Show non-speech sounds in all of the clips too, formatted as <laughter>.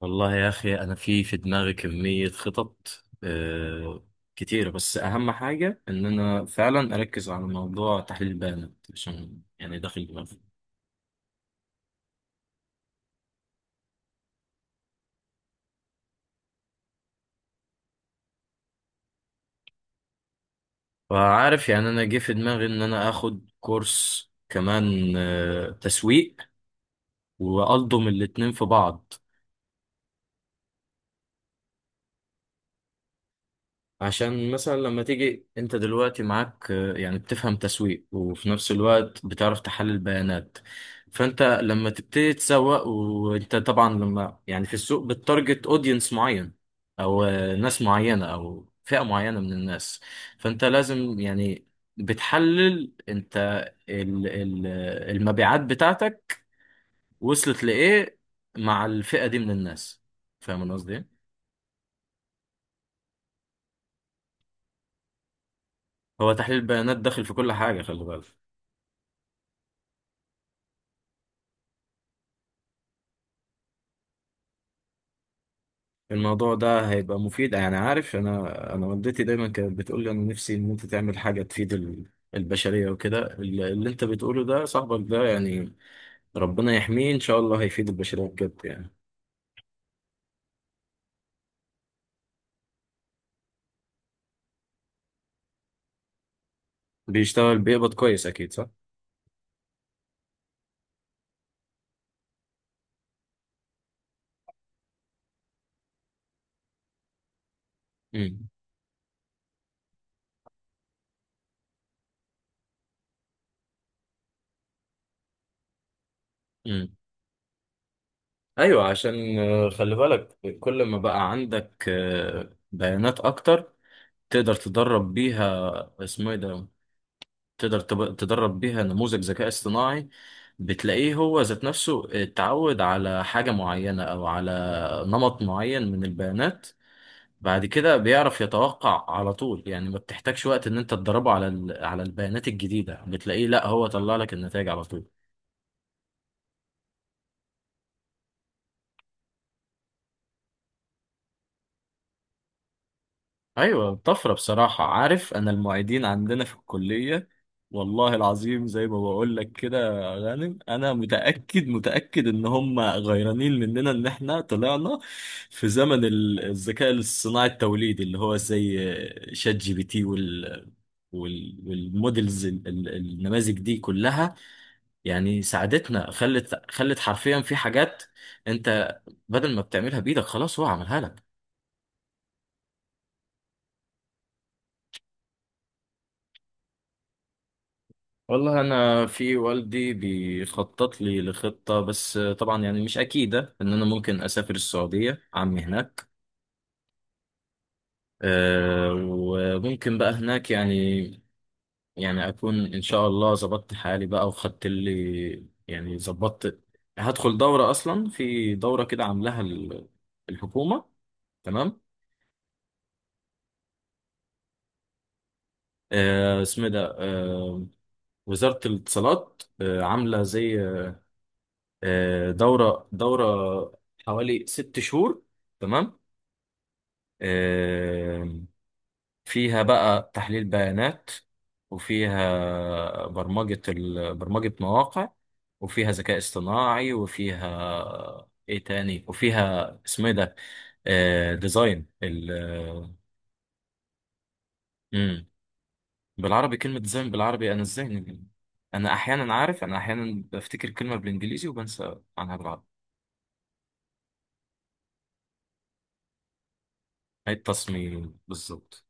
والله يا أخي، أنا في دماغي كمية خطط كتيرة، بس أهم حاجة إن أنا فعلا أركز على موضوع تحليل البيانات، عشان يعني داخل دماغي. فعارف، يعني أنا جه في دماغي إن أنا آخد كورس كمان تسويق وألضم الاتنين في بعض. عشان مثلا لما تيجي انت دلوقتي معاك يعني بتفهم تسويق، وفي نفس الوقت بتعرف تحلل بيانات. فانت لما تبتدي تسوق، وانت طبعا لما يعني في السوق بتتارجت اودينس معين، او ناس معينة او فئة معينة من الناس، فانت لازم يعني بتحلل انت ال- ال- المبيعات بتاعتك وصلت لإيه مع الفئة دي من الناس. فاهم أنا قصدي؟ ايه؟ هو تحليل البيانات داخل في كل حاجة، خلي بالك. الموضوع ده هيبقى مفيد، يعني عارف، انا والدتي دايما كانت بتقول لي، انا نفسي ان انت تعمل حاجه تفيد البشريه، وكده اللي انت بتقوله ده، صاحبك ده يعني ربنا يحميه، ان شاء الله هيفيد البشريه بجد يعني. بيشتغل بيقبض كويس، اكيد صح. امم. امم. ايوه، عشان خلي بالك، كل ما بقى عندك بيانات اكتر، تقدر تدرب بيها اسمه ايه ده، تقدر تدرب بيها نموذج ذكاء اصطناعي. بتلاقيه هو ذات نفسه اتعود على حاجة معينة أو على نمط معين من البيانات. بعد كده بيعرف يتوقع على طول، يعني ما بتحتاجش وقت إن أنت تدربه على على البيانات الجديدة، بتلاقيه لا، هو طلع لك النتائج على طول. ايوه، طفره بصراحه. عارف انا المعيدين عندنا في الكليه، والله العظيم زي ما بقول لك كده يا غانم، انا متاكد متاكد ان هم غيرانين مننا، ان احنا طلعنا في زمن الذكاء الصناعي التوليدي، اللي هو زي شات جي بي تي والمودلز النماذج دي كلها، يعني ساعدتنا. خلت حرفيا في حاجات انت بدل ما بتعملها بايدك، خلاص هو عملها لك. والله انا في والدي بيخطط لي لخطه، بس طبعا يعني مش اكيده ان انا ممكن اسافر السعوديه، عمي هناك. أه، وممكن بقى هناك يعني، يعني اكون ان شاء الله ظبطت حالي بقى، وخدت لي يعني ظبطت. هدخل دوره، اصلا في دوره كده عاملاها الحكومه. تمام. أه، اسمه إيه ده؟ أه، وزاره الاتصالات، أه عامله زي دورة حوالي 6 شهور. تمام. آه، فيها بقى تحليل بيانات، وفيها برمجة برمجة مواقع، وفيها ذكاء اصطناعي، وفيها ايه تاني، وفيها اسمه ايه ده، ديزاين ال. مم. بالعربي كلمة ديزاين، بالعربي انا ازاي انا احيانا عارف، انا احيانا بفتكر كلمة بالانجليزي وبنسى عنها بالعربي. هي التصميم بالظبط.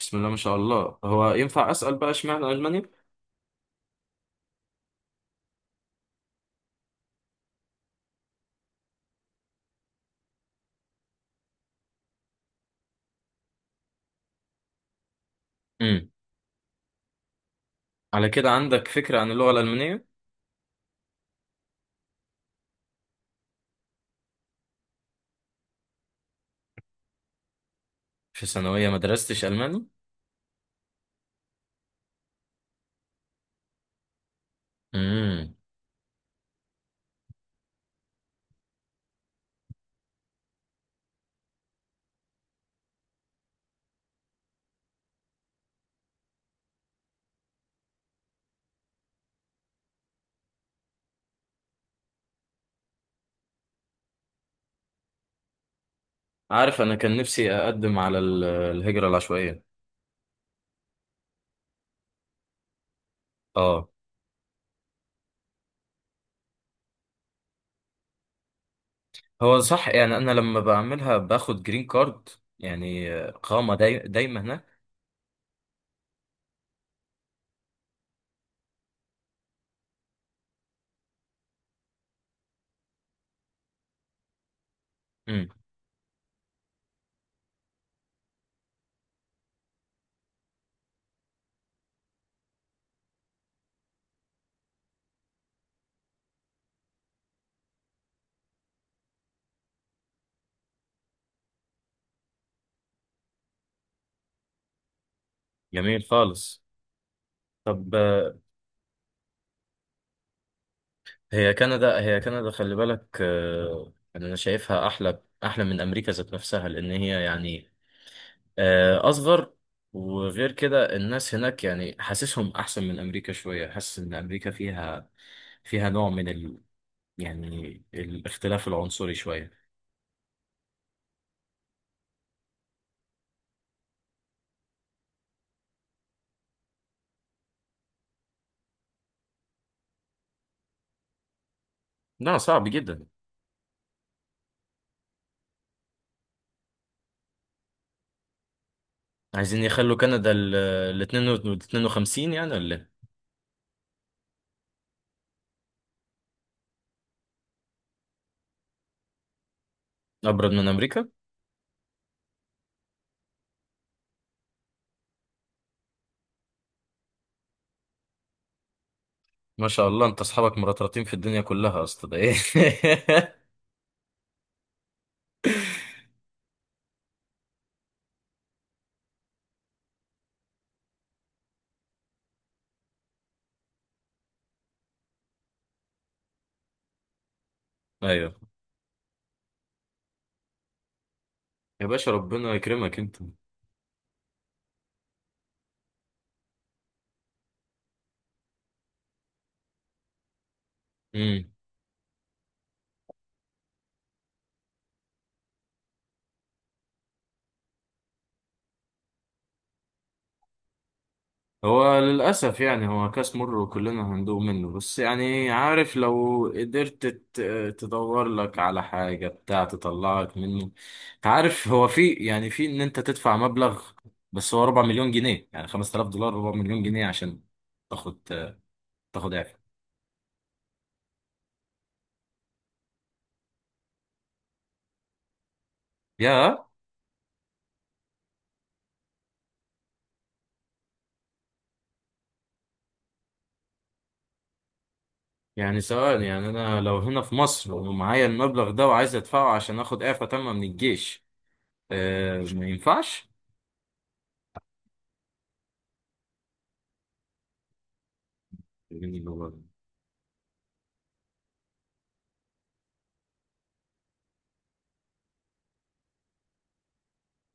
بسم الله ما شاء الله. هو ينفع أسأل بقى اشمعنى ألمانيا؟ امم. على كده عندك فكرة عن اللغة الألمانية؟ في ثانوية ما درستش ألماني؟ امم. عارف أنا كان نفسي أقدم على الهجرة العشوائية. آه. هو صح، يعني أنا لما بعملها باخد جرين كارد، يعني قامة دايمة هناك. امم. جميل خالص. طب هي كندا، خلي بالك يعني أنا شايفها أحلى أحلى من أمريكا ذات نفسها، لأن هي يعني اصغر، وغير كده الناس هناك، يعني حاسسهم احسن من امريكا شويه، حاسس ان امريكا فيها نوع من يعني الاختلاف العنصري شويه. لا، صعب جدا. عايزين يخلوا كندا ال 52 يعني، ولا إيه؟ ابرد من امريكا. ما شاء الله، انت اصحابك مرطرطين في الدنيا كلها اصلا؟ ده ايه! <laughs> ايوه. يا باشا ربنا يكرمك انت. مم. هو للأسف يعني هو كاس مر، وكلنا هندوق منه، بس يعني عارف لو قدرت تدور لك على حاجة بتاع تطلعك منه. انت عارف هو في، يعني في ان انت تدفع مبلغ، بس هو 4 مليون جنيه، يعني 5000 دولار، 4 مليون جنيه، عشان تاخد تاخد اعفاء. يا يعني ثواني، يعني انا لو هنا في مصر ومعايا المبلغ ده وعايز ادفعه عشان اخد اعفاء تامة من الجيش، أه ما ينفعش؟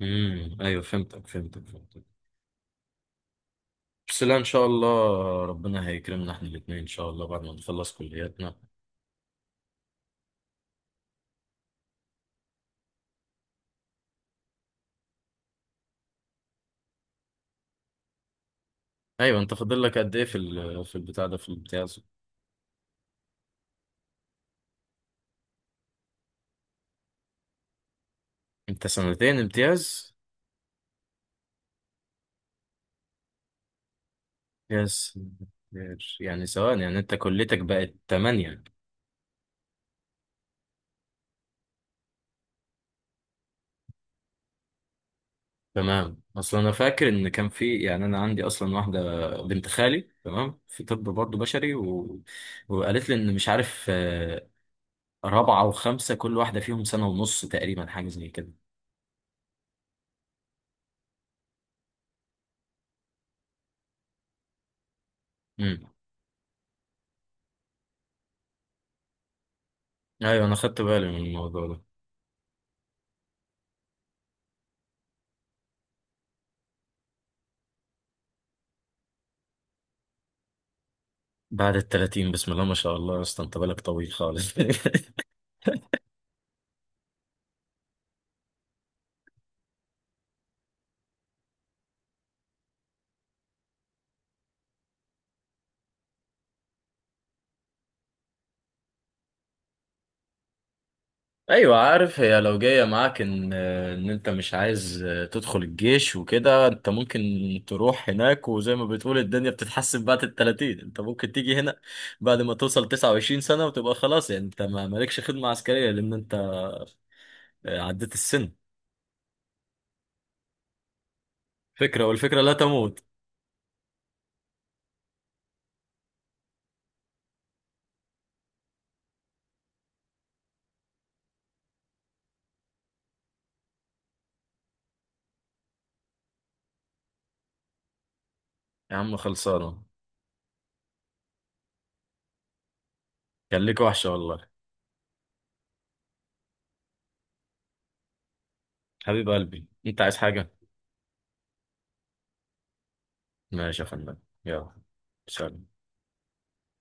امم. ايوه، فهمتك فهمتك فهمتك. بس لا، ان شاء الله ربنا هيكرمنا احنا الاثنين ان شاء الله بعد ما نخلص كلياتنا. ايوه، انت فاضل لك قد ايه في في البتاع ده، في الامتياز؟ انت سنتين امتياز؟ يس. يعني سواء، يعني انت كليتك بقت تمانية. تمام، اصلا انا فاكر ان كان في، يعني انا عندي اصلا واحده بنت خالي، تمام، في طب برضه بشري، وقالت لي ان مش عارف رابعه وخمسه كل واحده فيهم سنه ونص تقريبا، حاجه زي كده. امم. ايوه، انا خدت بالي من الموضوع ده. بعد التلاتين، بسم الله ما شاء الله، يا اسطى انت بالك طويل خالص. <laughs> ايوه، عارف، هي لو جايه معاك ان انت مش عايز تدخل الجيش وكده، انت ممكن تروح هناك، وزي ما بتقول الدنيا بتتحسن بعد ال 30، انت ممكن تيجي هنا بعد ما توصل 29 سنه، وتبقى خلاص، يعني انت ما مالكش خدمه عسكريه لان انت عديت السن. فكره، والفكره لا تموت. يا عم خلصانه. كان ليك وحشه والله. حبيب قلبي، انت عايز حاجه؟ ماشي يا فندم. يلا. سلام.